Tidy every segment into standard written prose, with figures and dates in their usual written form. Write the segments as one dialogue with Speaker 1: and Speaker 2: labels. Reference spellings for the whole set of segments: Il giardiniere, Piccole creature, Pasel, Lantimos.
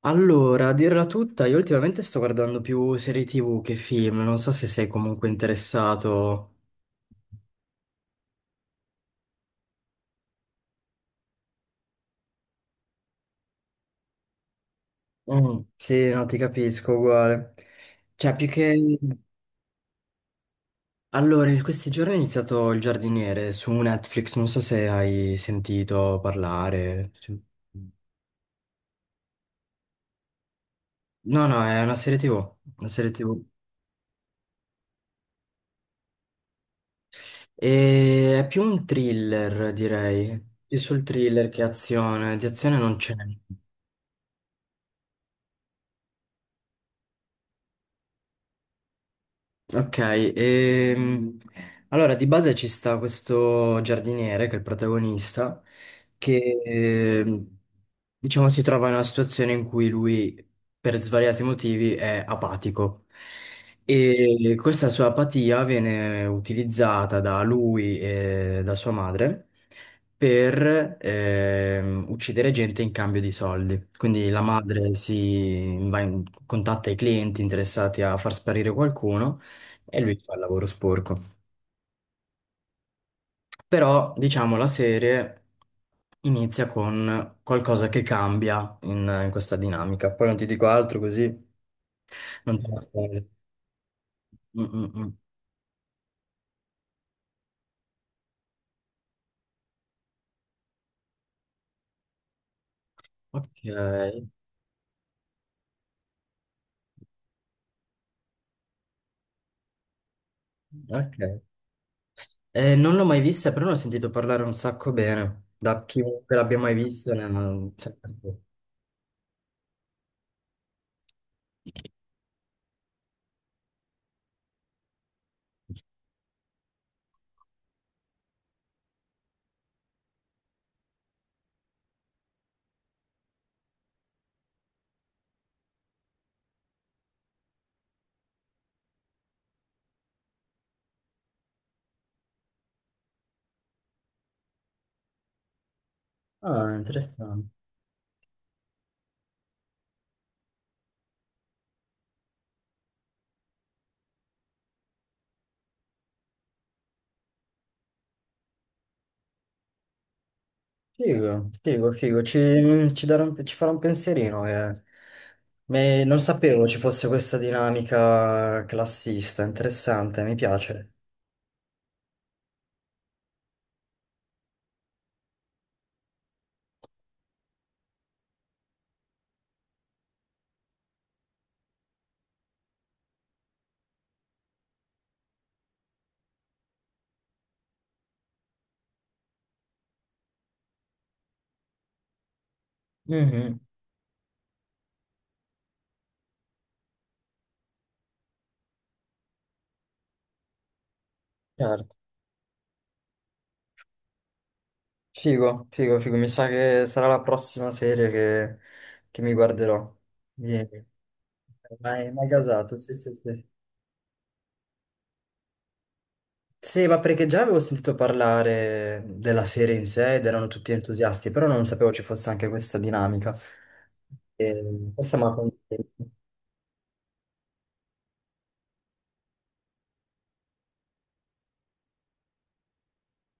Speaker 1: Allora, a dirla tutta, io ultimamente sto guardando più serie TV che film, non so se sei comunque interessato. Mm, sì, no, ti capisco, uguale. Cioè, più che. Allora, in questi giorni ho iniziato Il giardiniere su Netflix, non so se hai sentito parlare. Sì. No, no, è una serie TV, una serie TV. E è più un thriller, direi. Più sul thriller che azione, di azione non c'è. Ok, ehm, allora di base ci sta questo giardiniere che è il protagonista, che diciamo si trova in una situazione in cui lui per svariati motivi è apatico e questa sua apatia viene utilizzata da lui e da sua madre per uccidere gente in cambio di soldi. Quindi la madre contatta i clienti interessati a far sparire qualcuno e lui fa il lavoro sporco. Però, diciamo, la serie inizia con qualcosa che cambia in questa dinamica. Poi non ti dico altro così non te la spoil. Mm, mm, mm. Ok, ok. Non l'ho mai vista, però ne ho sentito parlare un sacco bene. Da chiunque l'abbia mai vista. Ah, interessante. Figo, figo, figo. Ci farà un pensierino. Eh. Non sapevo ci fosse questa dinamica classista, interessante, mi piace. Mhm, certo. Figo, figo, figo. Mi sa che sarà la prossima serie che mi guarderò. Vieni. Mai, mai gasato, sì, sì, sì. Sì, ma perché già avevo sentito parlare della serie in sé ed erano tutti entusiasti, però non sapevo ci fosse anche questa dinamica. E questa mi ha contento.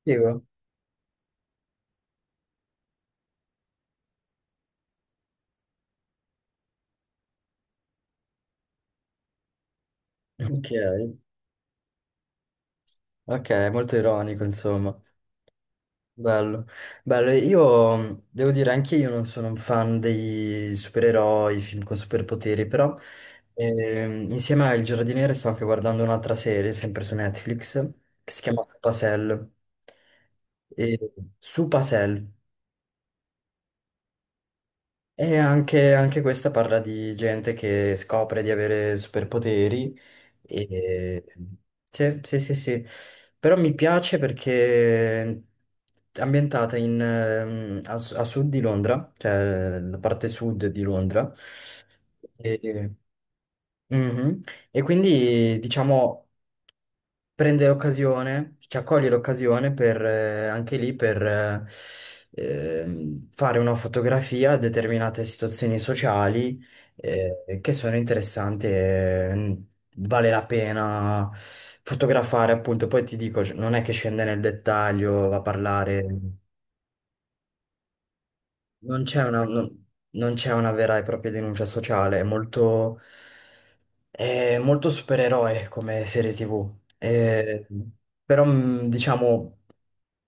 Speaker 1: Figo. Ok, ok, molto ironico, insomma. Bello, bello. Io devo dire, anche io non sono un fan dei supereroi, film con superpoteri, però insieme a Il Giardiniere sto anche guardando un'altra serie, sempre su Netflix, che si chiama Pasel. E, su Pasel. E anche, anche questa parla di gente che scopre di avere superpoteri. E... Sì, sì, sì, sì. Però mi piace perché è ambientata a sud di Londra, cioè la parte sud di Londra. E. Mhm. E quindi diciamo prendere occasione, cioè cogliere occasione per, anche lì per fare una fotografia a determinate situazioni sociali che sono interessanti e vale la pena fotografare, appunto. Poi ti dico, non è che scende nel dettaglio, va a parlare, non c'è una, non, non c'è una vera e propria denuncia sociale, è molto supereroe come serie TV. Eh, Però, diciamo.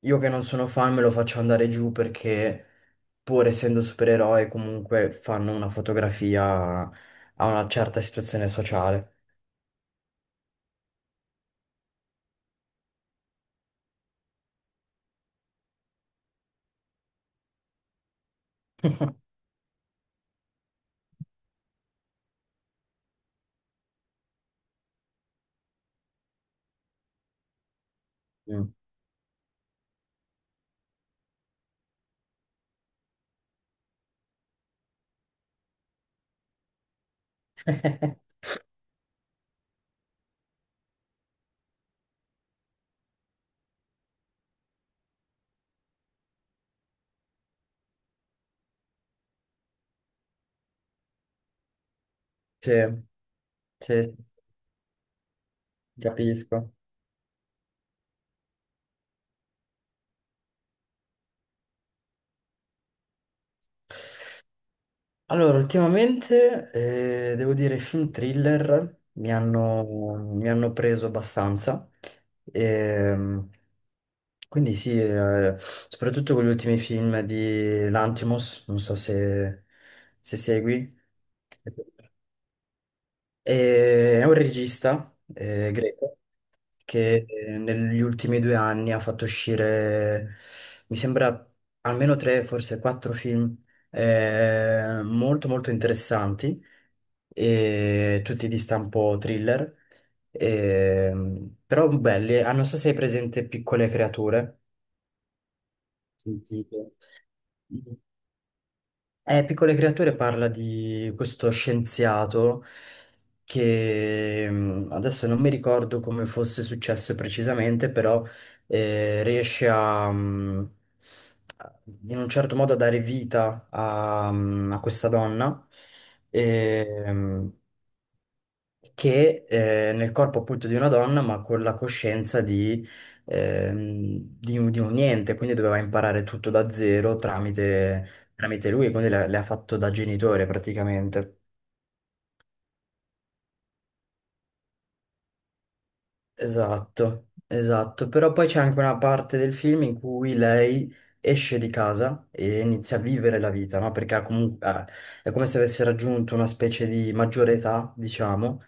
Speaker 1: Io che non sono fan me lo faccio andare giù perché pur essendo supereroi comunque fanno una fotografia a una certa situazione sociale. Mm. Sì, sì, sì, capisco. Allora, ultimamente devo dire i film thriller mi hanno preso abbastanza. Ehm, quindi sì, soprattutto con gli ultimi film di Lantimos, non so se segui. E è un regista greco che. Mm. Negli ultimi due anni ha fatto uscire, mi sembra, almeno tre, forse quattro film molto molto interessanti, e tutti di stampo thriller, e- però belli. Ah, non so se hai presente Piccole creature. Sentito. Piccole creature parla di questo scienziato che adesso non mi ricordo come fosse successo precisamente, però riesce a- in un certo modo a dare vita a questa donna. E, che nel corpo appunto di una donna, ma con la coscienza di un niente, quindi doveva imparare tutto da zero tramite lui, quindi le ha fatto da genitore praticamente. Esatto, esatto, però poi c'è anche una parte del film in cui lei esce di casa e inizia a vivere la vita, no? Perché ha comunque, è come se avesse raggiunto una specie di maggiore età, diciamo,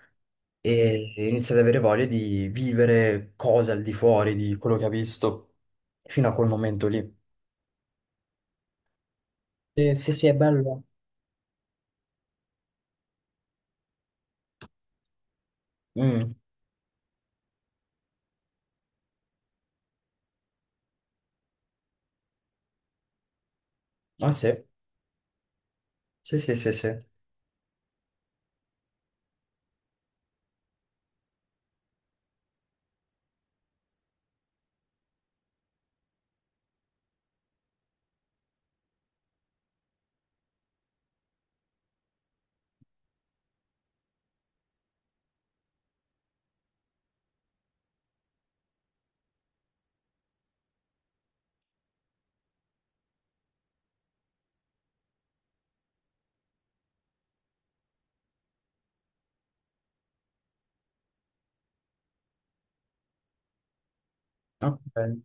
Speaker 1: e inizia ad avere voglia di vivere cose al di fuori di quello che ha visto fino a quel momento lì. Sì, sì, sì, è bello. Mm. Ah sì, sì, sì, sì, sì. Ok.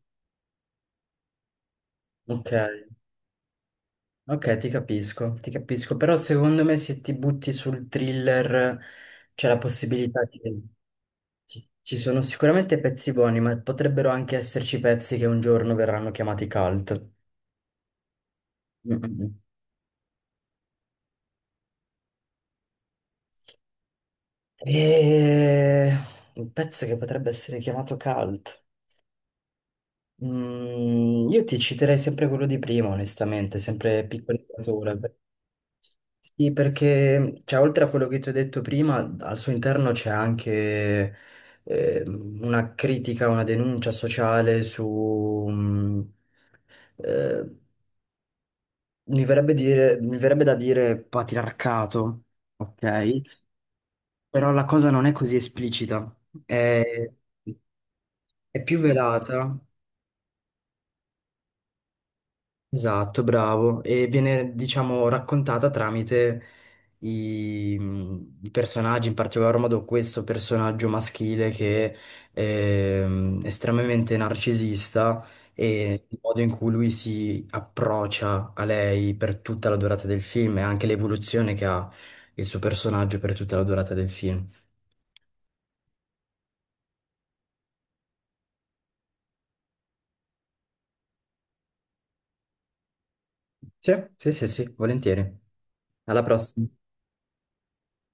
Speaker 1: Ok, ok, ti capisco, però secondo me se ti butti sul thriller c'è la possibilità che ci sono sicuramente pezzi buoni, ma potrebbero anche esserci pezzi che un giorno verranno chiamati cult. Mm, mm, mm. E... Un pezzo che potrebbe essere chiamato cult. Mm, io ti citerei sempre quello di prima, onestamente, sempre piccole cose. Sì, perché cioè, oltre a quello che ti ho detto prima, al suo interno c'è anche una critica, una denuncia sociale su, eh, mi verrebbe da dire patriarcato, ok? Però la cosa non è così esplicita, è, è più velata. Esatto, bravo. E viene, diciamo, raccontata tramite i, i personaggi, in particolar modo questo personaggio maschile che è estremamente narcisista. Mm. E il modo in cui lui si approccia a lei per tutta la durata del film e anche l'evoluzione che ha il suo personaggio per tutta la durata del film. Sì, sì, sì, sì, volentieri. Alla prossima.